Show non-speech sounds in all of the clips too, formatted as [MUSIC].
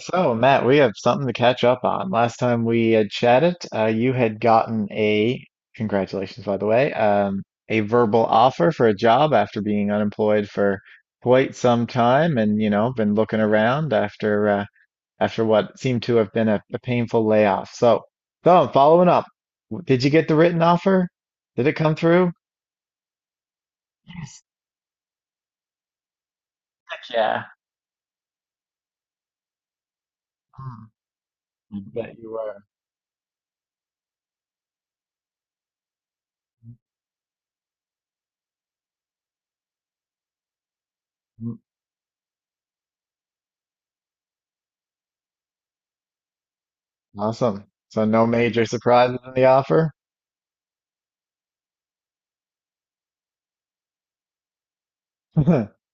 So, Matt, we have something to catch up on. Last time we had chatted, you had gotten congratulations, by the way, a verbal offer for a job after being unemployed for quite some time and, you know, been looking around after after what seemed to have been a painful layoff. So I'm following up. Did you get the written offer? Did it come through? Yeah. Hmm, I bet you were. Mm. Awesome. So no major surprises in the offer? [LAUGHS]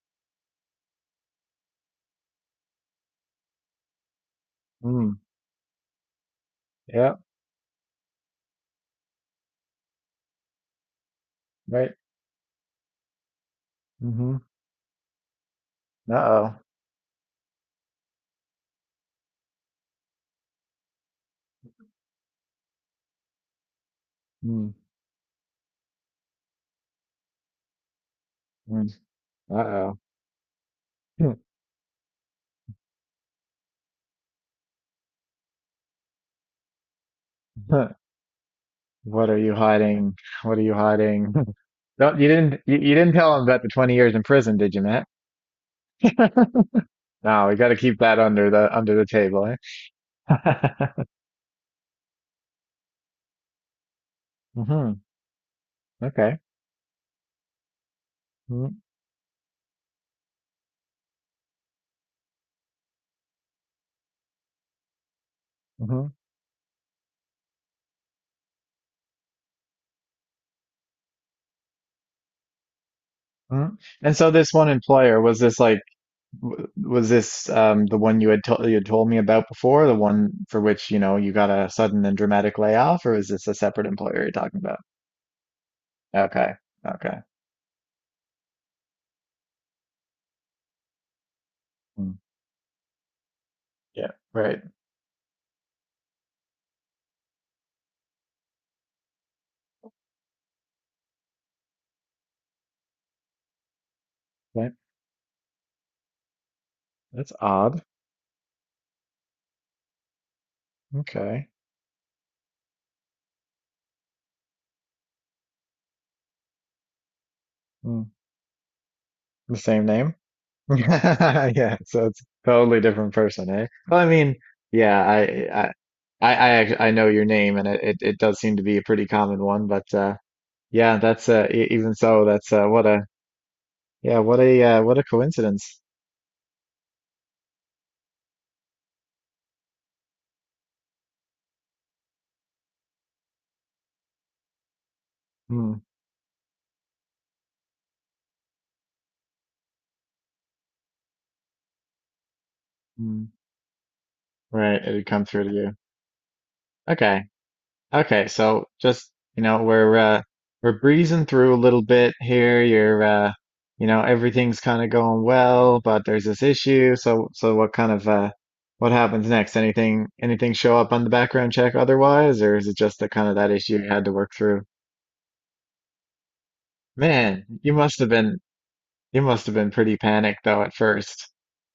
Hmm. Yeah, right. Hmm. Uh-oh. Mm, mm. Uh-oh. [LAUGHS] What are you hiding? What are you hiding? [LAUGHS] Don't you didn't you, you didn't tell him about the 20 years in prison, did you, Matt? [LAUGHS] No, we got to keep that under the table, eh? [LAUGHS] hmm. Okay. Mm. Mm-hmm. Hmm. And so this one employer was this like w- was this the one you had told me about before, the one for which, you know, you got a sudden and dramatic layoff, or is this a separate employer you're talking about? Okay. Okay. Hmm. Yeah, right. That, that's odd. Okay. Hmm. The same name? [LAUGHS] Yeah, so it's totally different person, eh? Well, I mean, yeah, I, I know your name, and it does seem to be a pretty common one. But yeah, that's even so, yeah, what a coincidence. Hmm. Hmm. Right, it had come through to you. Okay. Okay, so just, you know, we're breezing through a little bit here. You know, everything's kind of going well, but there's this issue. So what what happens next? Anything show up on the background check otherwise, or is it just the kind of that issue you had to work through? Man, you must have been you must have been pretty panicked though at first.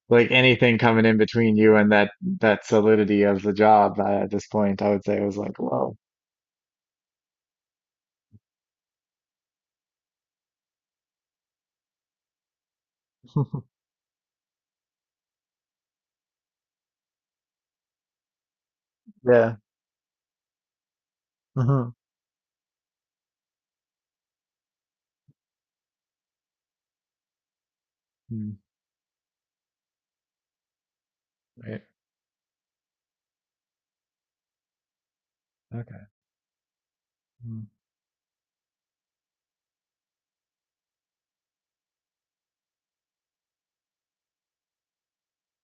Like anything coming in between you and that solidity of the job at this point, I would say was like, whoa. [LAUGHS] Yeah. Hmm. Right. Okay. Mm.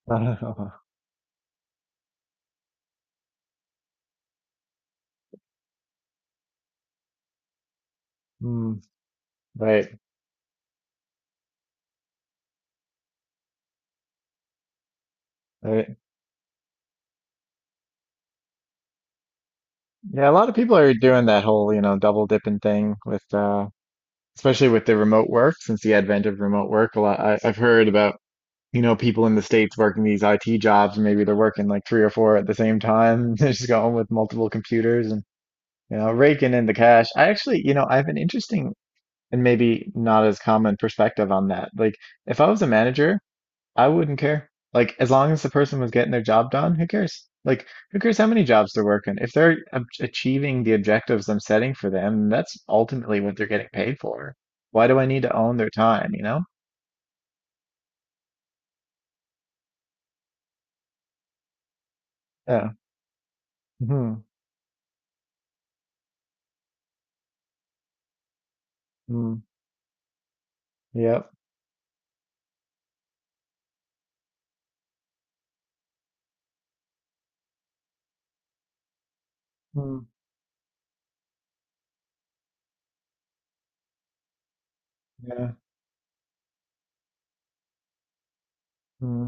[LAUGHS] Mm, right. Right. Yeah, a lot of people are doing that whole, you know, double dipping thing with especially with the remote work, since the advent of remote work, I've heard about, you know, people in the States working these IT jobs, and maybe they're working like three or four at the same time. [LAUGHS] They're just going with multiple computers and, you know, raking in the cash. I actually, you know, I have an interesting and maybe not as common perspective on that. Like if I was a manager, I wouldn't care. Like, as long as the person was getting their job done, who cares? Like, who cares how many jobs they're working? If they're achieving the objectives I'm setting for them, that's ultimately what they're getting paid for. Why do I need to own their time, you know? Yeah. Hmm. Hmm. Yep. Mm. Yeah. Mm.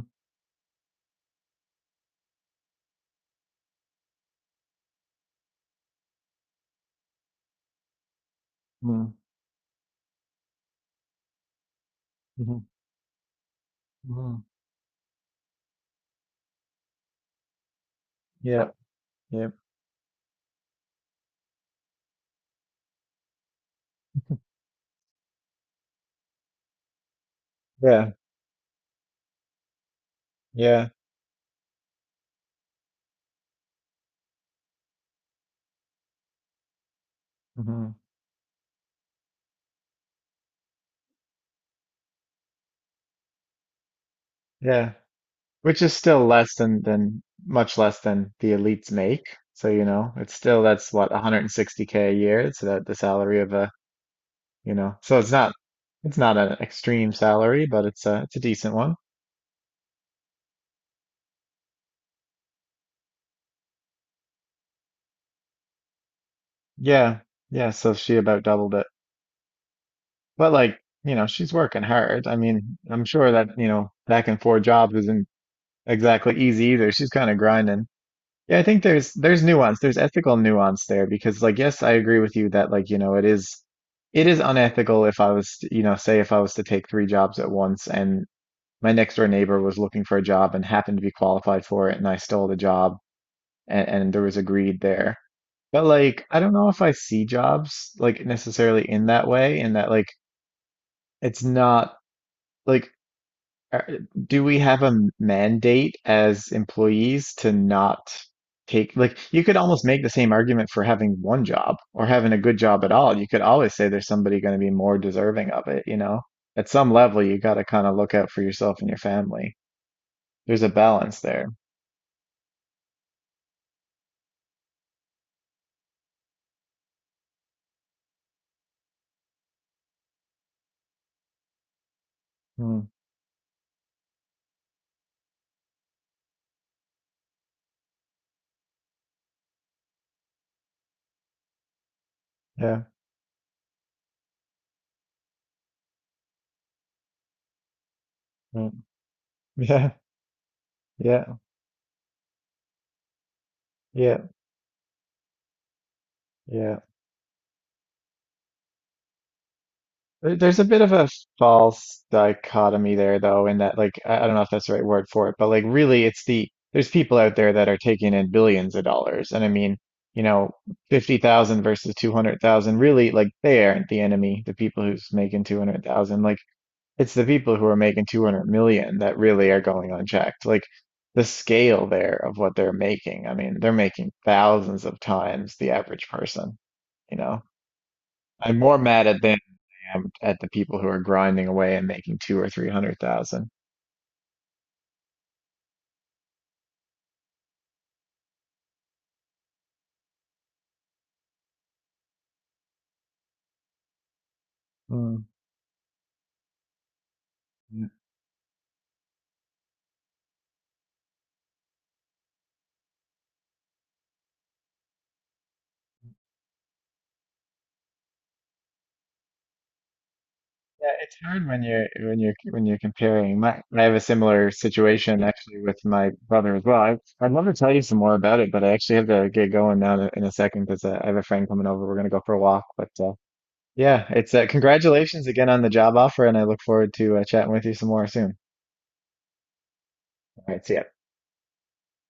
Mm. Hmm. Hmm. Yep. Yep. Yeah. Yeah. Hmm. Yeah, which is still less than much less than the elites make. So, you know, it's still that's what 160K a year. It's the salary of a, you know, so it's not an extreme salary, but it's a decent one. Yeah. Yeah, so she about doubled it. But like, you know, she's working hard. I mean, I'm sure that, you know, back and forth jobs isn't exactly easy either. She's kind of grinding. Yeah, I think there's nuance. There's ethical nuance there because like yes, I agree with you that like, you know, it is unethical if I was, to- you know, say if I was to take three jobs at once and my next door neighbor was looking for a job and happened to be qualified for it and I stole the job and there was a greed there. But like, I don't know if I see jobs like necessarily in that way, in that like it's not like uh, do we have a mandate as employees to not take, like, you could almost make the same argument for having one job or having a good job at all. You could always say there's somebody going to be more deserving of it, you know? At some level, you got to kind of look out for yourself and your family. There's a balance there. Hmm. Yeah, mm, [LAUGHS] yeah, yeah, yeah, yeah. There's a bit of a false dichotomy there, though, in that, like, I don't know if that's the right word for it, but like, really, it's the there's people out there that are taking in billions of dollars, and I mean, you know, 50,000 versus 200,000, really, like, they aren't the enemy, the people who's making 200,000. Like, it's the people who are making 200 million that really are going unchecked. Like, the scale there of what they're making, I mean, they're making thousands of times the average person, you know. I'm more mad at them at the people who are grinding away and making two or three hundred thousand. Mm. Yeah, it's hard when you're comparing. My, I have a similar situation actually with my brother as well. I'd love to tell you some more about it, but I actually have to get going now in in a second because I have a friend coming over. We're gonna go for a walk, but yeah, it's congratulations again on the job offer, and I look forward to chatting with you some more soon. All right, see ya.